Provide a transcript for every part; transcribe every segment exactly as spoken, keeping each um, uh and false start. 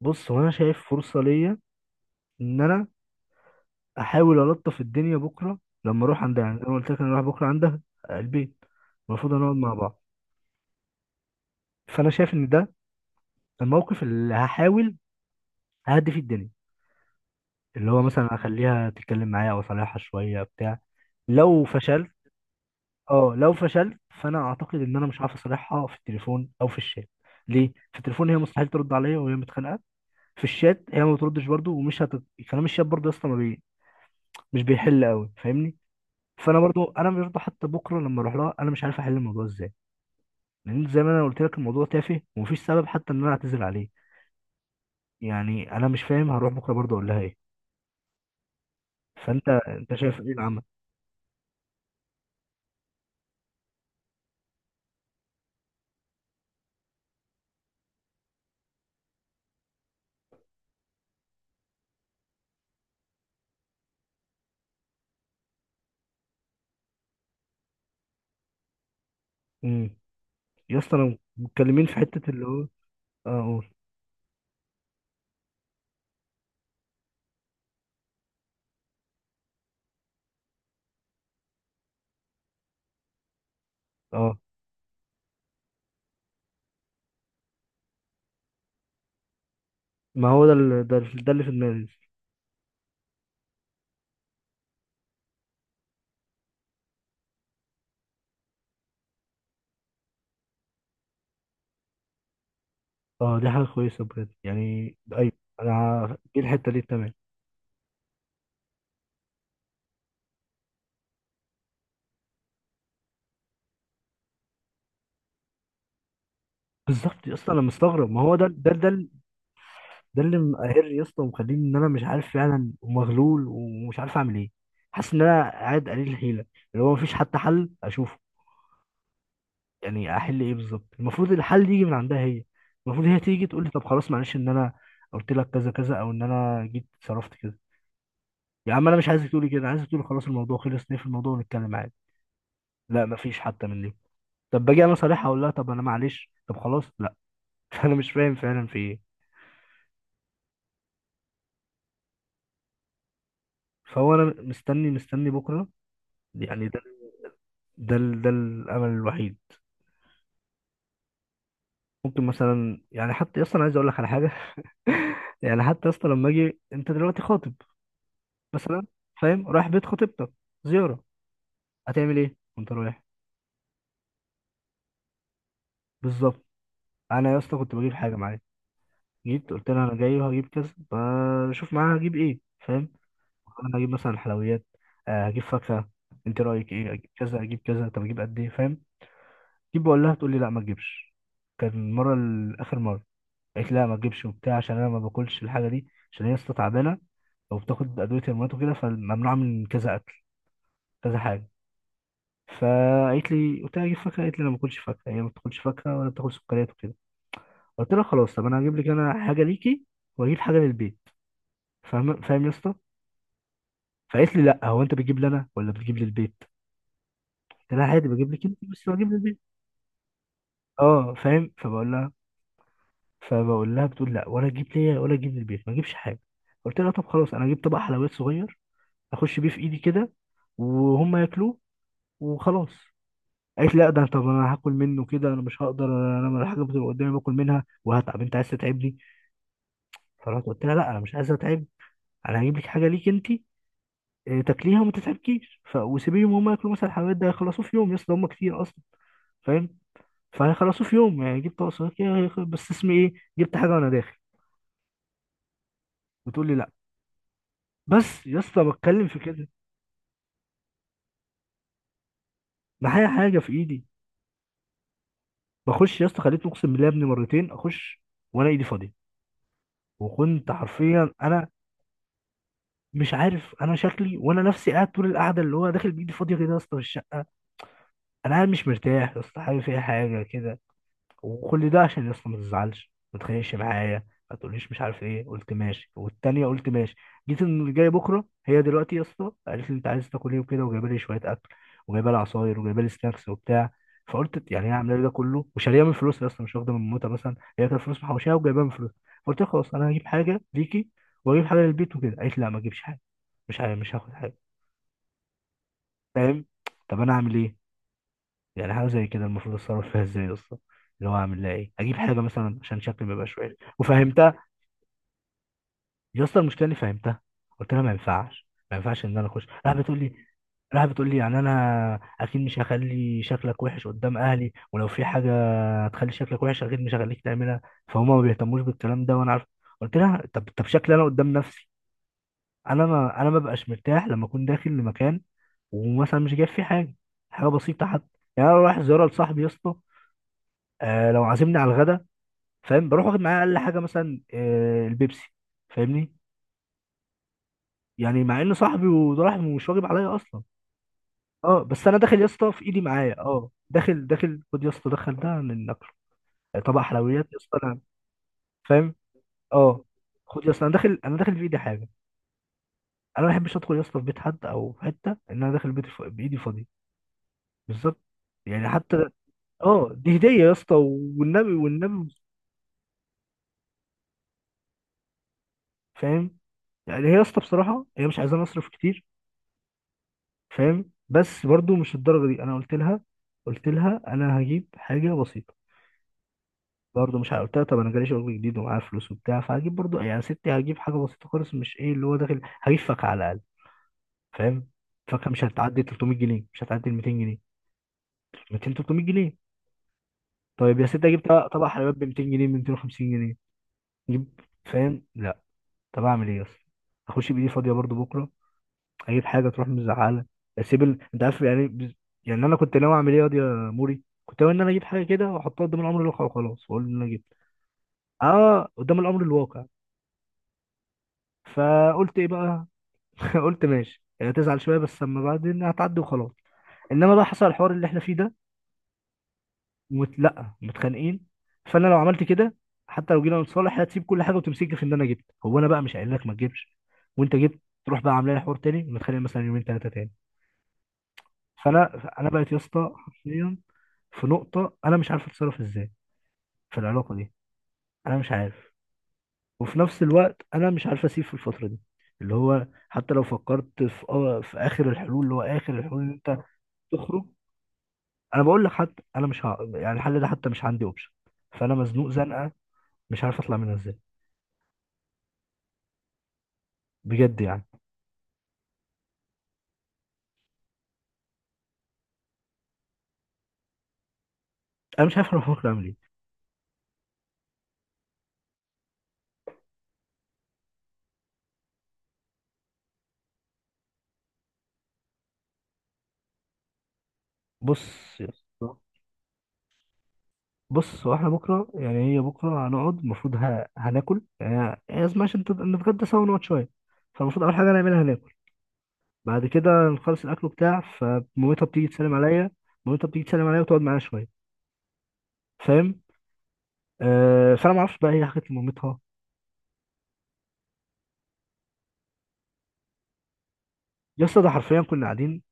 بص، هو انا شايف فرصه ليا ان انا احاول الطف الدنيا بكره لما اروح عندها. يعني انا قلت لك انا رايح بكره عندها البيت. المفروض نقعد مع بعض. فانا شايف ان ده الموقف اللي هحاول اهدي فيه الدنيا، اللي هو مثلا اخليها تتكلم معايا او اصالحها شويه بتاع. لو فشلت اه لو فشلت فانا اعتقد ان انا مش هعرف اصالحها في التليفون او في الشات. ليه؟ في التليفون هي مستحيل ترد عليا وهي متخانقه، في الشات هي ما بتردش برضو ومش هت... كلام الشات برضو يا اسطى ما بي... مش بيحل قوي، فاهمني؟ فانا برضو انا برضو حتى بكره لما اروح لها انا مش عارف احل الموضوع ازاي، لان زي ما انا قلت لك الموضوع تافه ومفيش سبب حتى ان انا اعتذر عليه. يعني انا مش فاهم هروح بكره برضو اقول لها ايه. فانت انت شايف ايه العمل؟ امم يا اسطى انا متكلمين في حته اللي هو. اه قول. اه، ما هو ده اللي ده, ده اللي في دماغي. اه دي حاجه كويسه بجد، يعني ايوه، انا دي الحته دي تمام. بالظبط يا اسطى انا مستغرب، ما هو ده ده ده ده اللي مقهرني يا اسطى ومخليني ان انا مش عارف فعلا ومغلول ومش عارف اعمل ايه. حاسس ان انا قاعد قليل الحيله، اللي هو مفيش حتى حل اشوفه. يعني احل ايه بالظبط؟ المفروض الحل يجي من عندها هي. المفروض هي تيجي تقول لي طب خلاص معلش، ان انا قلت لك كذا كذا او ان انا جيت صرفت كذا. يا عم انا مش عايزك تقولي كده، عايزك تقولي خلاص الموضوع خلص نقفل الموضوع ونتكلم عادي. لا مفيش حتى من دي. طب باجي انا صريح اقول لها طب انا معلش طب خلاص، لا. فانا مش فاهم فعلا في ايه. فهو انا مستني مستني بكره يعني. ده ال... ده الامل الوحيد. ممكن مثلا يعني حتى اصلا عايز اقول لك على حاجه. يعني حتى اصلا لما اجي، انت دلوقتي خاطب مثلا، فاهم، رايح بيت خطيبتك زياره، هتعمل ايه وانت رايح؟ بالظبط. انا يا اسطى كنت بجيب حاجه معايا، جيت قلت لها انا جاي وهجيب كذا، بشوف معاها هجيب ايه، فاهم؟ انا هجيب مثلا حلويات، آه، هجيب فاكهه، انت رايك ايه، اجيب كذا اجيب كذا، طب اجيب قد ايه، فاهم؟ جيب، بقول لها تقول لي لا ما تجيبش. كان المره الاخر مره قالت لا ما تجيبش وبتاع عشان انا ما باكلش الحاجه دي عشان هي لسه تعبانه او بتاخد ادويه هرمونات وكده فممنوعه من كذا اكل كذا حاجه. فقالت لي، قلت لها اجيب فاكهه، قالت لي انا ما باكلش فاكهه، هي ما بتاكلش فاكهه ولا بتاكل سكريات وكده. قلت لها خلاص طب انا هجيب لك انا حاجه ليكي واجيب حاجه للبيت، فاهم فاهم يا اسطى. فقالت لي لا، هو انت بتجيب لي انا ولا بتجيب للبيت؟ قلت لها عادي بجيب لك انت بس بجيب للبيت. اه فاهم. فبقول لها فبقول لها بتقول لا، ولا تجيب ليا ولا تجيب للبيت ما اجيبش حاجه. قلت لها طب خلاص انا اجيب طبق حلويات صغير، اخش بيه في ايدي كده وهم ياكلوه وخلاص. قالت لا ده طب انا هاكل منه كده، انا مش هقدر، انا لما الحاجه بتبقى قدامي باكل منها وهتعب، انت عايز تتعبني؟ فرحت قلت لها لا انا مش عايز اتعب، انا هجيب لك حاجه ليك انت، آه، تاكليها وما تتعبكيش ف... وسيبيهم هم ياكلوا مثلا الحلويات ده هيخلصوه في يوم يا اسطى هم كتير اصلا، فاهم. فهيخلصووا في يوم، يعني جبت اقصى، بس اسمي ايه، جبت حاجه وانا داخل، بتقول لي لا، بس يا اسطى بتكلم في كده، معايا حاجه في ايدي بخش يا اسطى. خليتني اقسم بالله يا ابني مرتين اخش وانا ايدي فاضيه، وكنت حرفيا انا مش عارف انا شكلي، وانا نفسي قاعد طول القعده اللي هو داخل بايدي فاضيه كده يا اسطى في الشقه. انا قاعد مش مرتاح يا اسطى، حابب فيها حاجه كده، وكل ده عشان يا اسطى ما تزعلش ما تخانقش معايا، ما تقوليش مش عارف ايه، قلت ماشي والتانية قلت ماشي. جيت اللي جاي بكره، هي دلوقتي يا اسطى قالت لي انت عايز تاكل ايه وكده وجايبه لي شويه اكل وجايبه لي عصاير وجايبه لي سناكس وبتاع. فقلت يعني هي عامله لي ده كله وشاريه من فلوسها اصلا، مش واخده من موتها مثلا، هي كانت فلوس محوشاها وجايبها من فلوسها. فقلت لها خلاص انا هجيب حاجه ليكي واجيب حاجه للبيت وكده، قالت لي لا ما اجيبش حاجه مش ه- مش هاخد حاجه، فاهم. طب انا اعمل ايه؟ يعني حاجه زي كده المفروض اتصرف فيها ازاي يا اسطى؟ اللي هو اعمل لها ايه اجيب حاجه مثلا عشان شكلي ما يبقاش وحش وفهمتها. يا اسطى المشكله اني فهمتها، قلت لها ما ينفعش ما ينفعش ان انا اخش، راح بتقول لي راح بتقول لي يعني انا اكيد مش هخلي شكلك وحش قدام اهلي، ولو في حاجه هتخلي شكلك وحش اكيد مش هخليك تعملها، فهما ما بيهتموش بالكلام ده وانا عارف. قلت لها طب طب شكلي انا قدام نفسي، انا ما انا ما ببقاش مرتاح لما اكون داخل لمكان ومثلا مش جايب فيه حاجه، حاجه بسيطه حتى. يعني انا رايح زياره لصاحبي يا اسطى، آه لو عازمني على الغدا فاهم بروح واخد معايا اقل حاجه مثلا آه، البيبسي، فاهمني، يعني مع ان صاحبي وده راح مش واجب عليا اصلا. اه بس انا داخل يا اسطى في ايدي معايا اه داخل داخل، خد يا اسطى دخل ده من ناكله، طبق حلويات يا اسطى انا، فاهم اه. خد يا اسطى انا داخل انا داخل في ايدي حاجه. انا ما بحبش ادخل يا اسطى في بيت حد او في حته ان انا داخل بيت ف... بايدي فاضيه. بالظبط، يعني حتى اه دي هديه يا اسطى، والنبي والنبي فاهم. يعني هي يا اسطى بصراحه هي مش عايزه نصرف كتير، فاهم، بس برضو مش الدرجه دي، انا قلت لها قلت لها انا هجيب حاجه بسيطه، برضو مش ع- قلت لها طب انا جالي شغل جديد ومعايا فلوس وبتاع فهجيب برضو، يعني ستي هجيب حاجه بسيطه خالص مش ايه اللي هو داخل هجيب فاكهه على الاقل فاهم، فاكهه مش هتعدي تلتمية جنيه، مش هتعدي مائتين جنيه، ميتين تلتمية جنيه. طيب يا ستي اجيب طبق طبق حلويات ب ميتين جنيه ب مائتين وخمسين جنيه، اجيب، فاهم، لا. طب اعمل ايه اصلا؟ اخش بايدي فاضيه برضو بكره، اي حاجه تروح مزعله. اسيب ال... انت عارف يعني بز... يعني انا كنت ناوي اعمل ايه يا واد يا موري، كنت ناوي ان انا اجيب حاجه كده واحطها قدام الامر الواقع وخلاص واقول ان انا جبت. اه قدام الامر الواقع. فقلت ايه بقى؟ قلت ماشي يعني هتزعل شويه بس اما بعدين هتعدي وخلاص. انما بقى حصل الحوار اللي احنا فيه ده ومت... لا متخانقين، فانا لو عملت كده حتى لو جينا نتصالح هتسيب كل حاجه وتمسكني في ان انا جبت، هو انا بقى مش قايل لك ما تجيبش وانت جبت؟ تروح بقى عاملين حوار تاني ونتخانق مثلا يومين ثلاثه تاني. فانا انا بقيت يا اسطى حرفيا في نقطه انا مش عارف اتصرف ازاي في العلاقه دي. انا مش عارف، وفي نفس الوقت انا مش عارف اسيب في الفتره دي، اللي هو حتى لو فكرت في آه في اخر الحلول، اللي هو اخر الحلول ان انت تخرج. انا بقول لك حتى انا مش ه... يعني الحل ده حتى مش عندي اوبشن. فانا مزنوق زنقه مش عارف اطلع منها ازاي بجد يعني. انا مش عارف انا بفكر اعمل ايه. بص يا اسطى بص هو احنا بكره، يعني هي بكره هنقعد المفروض ه- هناكل، يعني هي اسمها عشان تبقى نتغدى سوا ونقعد شويه، فالمفروض اول حاجه نعملها هناكل، بعد كده نخلص الاكل بتاع، فمامتها بتيجي تسلم عليا، مامتها بتيجي تسلم عليا وتقعد معايا شويه، فاهم. آه فانا ما اعرفش بقى هي حكت لمامتها. يا اسطى ده حرفيا كنا قاعدين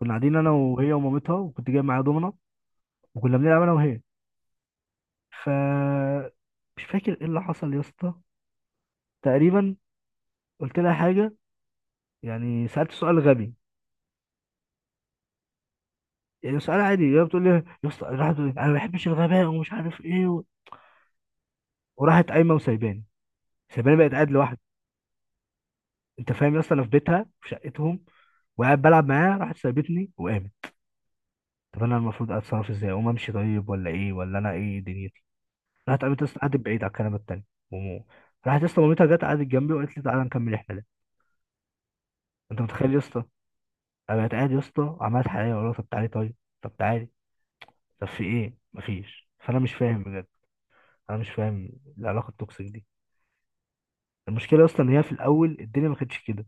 كنا قاعدين انا وهي ومامتها، وكنت جايب معايا دومنه وكنا بنلعب انا وهي، ف مش فاكر ايه اللي حصل يا اسطى. تقريبا قلت لها حاجه، يعني سالت سؤال غبي، يعني سؤال عادي، هي بتقول لي، يا اسطى راحت تقول لي انا ما بحبش الغباء ومش عارف ايه و... وراحت قايمه وسايباني، سايباني بقت قاعد لوحدي. انت فاهم يا اسطى، انا في بيتها في شقتهم وقاعد بلعب معاها راحت سايبتني وقامت. طب انا المفروض اتصرف ازاي، اقوم امشي طيب ولا ايه، ولا انا ايه دنيتي؟ راحت قامت يا اسطى قعدت بعيد على الكنبه التانيه، ومو راحت يا اسطى مامتها جت قعدت جنبي وقالت لي تعالى نكمل الحلقه. انت متخيل يا اسطى؟ انا بقيت قاعد يا اسطى، عملت حلقه ولا طب تعالي طيب، طب تعالي، طب في ايه؟ مفيش، فانا مش فاهم بجد. انا مش فاهم العلاقه التوكسيك دي. المشكله اصلا ان هي في الاول الدنيا ما كانتش كده،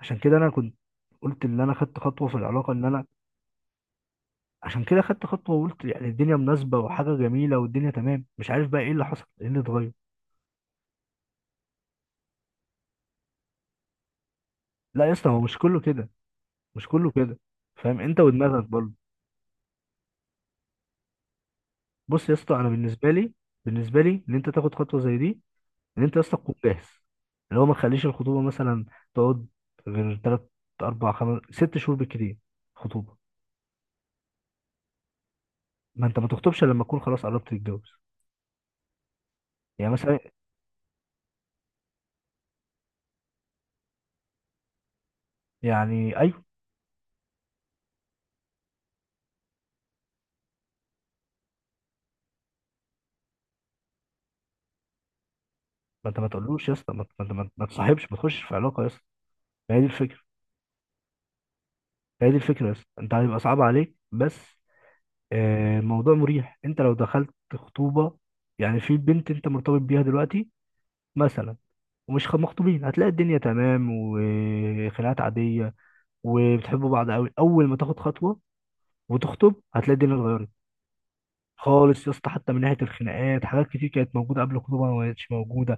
عشان كده انا كنت قلت ان انا خدت خطوه في العلاقه، ان انا عشان كده خدت خطوه وقلت يعني الدنيا مناسبه وحاجه جميله والدنيا تمام، مش عارف بقى ايه اللي حصل ايه اللي اتغير. لا يا اسطى هو مش كله كده، مش كله كده، فاهم، انت ودماغك برضه. بص يا اسطى، انا بالنسبه لي بالنسبه لي ان انت تاخد خطوه زي دي، ان انت يا اسطى تكون جاهز، اللي هو ما تخليش الخطوبه مثلا تقعد غير تلات اربع خمس ست شهور بالكتير خطوبه. ما انت ما تخطبش إلا لما تكون خلاص قربت تتجوز، يعني مثلا، يعني ايوه. ما انت ما تقولوش يا اسطى ما ما- ما- ما تصاحبش ما تخشش في علاقه يا اسطى. هي دي الفكره، هي دي الفكره يا اسطى، انت هيبقى صعب عليك بس، آه، الموضوع مريح، انت لو دخلت خطوبه يعني في بنت انت مرتبط بيها دلوقتي مثلا، ومش خ- مخطوبين، هتلاقي الدنيا تمام وخناقات عاديه وبتحبوا بعض قوي. اول ما تاخد خطوه وتخطب هتلاقي الدنيا اتغيرت خالص يا اسطى، حتى من ناحيه الخناقات حاجات كتير كانت موجوده قبل الخطوبه ما بقتش موجوده.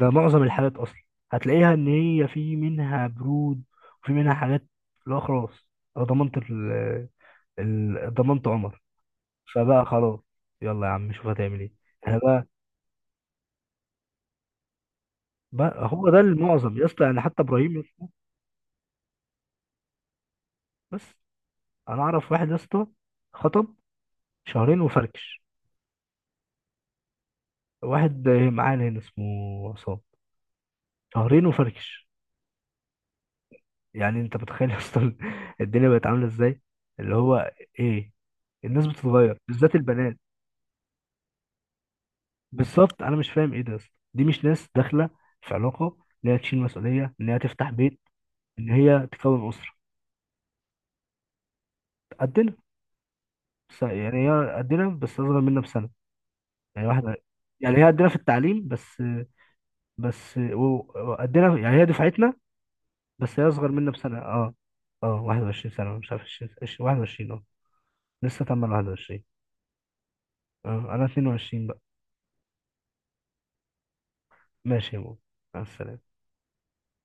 ده معظم الحالات اصلا، هتلاقيها ان هي في منها برود وفي منها حاجات، لا خلاص، انا ضمنت ال ال- ضمنت عمر، فبقى خلاص، يلا يا عم شوف هتعمل ايه. احنا بقى, بقى هو ده المعظم يا اسطى، يعني حتى ابراهيم يا اسطى. بس انا اعرف واحد يا اسطى خطب شهرين وفركش، واحد معانا هنا اسمه عصام، شهرين وفركش. يعني انت متخيل يا اسطى الدنيا بقت عامله ازاي، اللي هو ايه، الناس بتتغير بالذات البنات. بالظبط انا مش فاهم ايه ده يا اسطى. دي مش ناس داخله في علاقه ان هي تشيل مسؤوليه، ان هي تفتح بيت، ان هي تكون اسره. قدنا، بس يعني هي قدنا بس اصغر منا بسنه، يعني واحده، يعني هي قدنا في التعليم بس، بس و- وقدنا يعني هي دفعتنا، بس هي اصغر منا بسنه، اه. اه واحد وعشرين سنه، مش عارف عشرين واحد وعشرين اه، لسه تم ال واحد وعشرين. اه انا اتنين وعشرين بقى. ماشي يا مو، مع السلامه.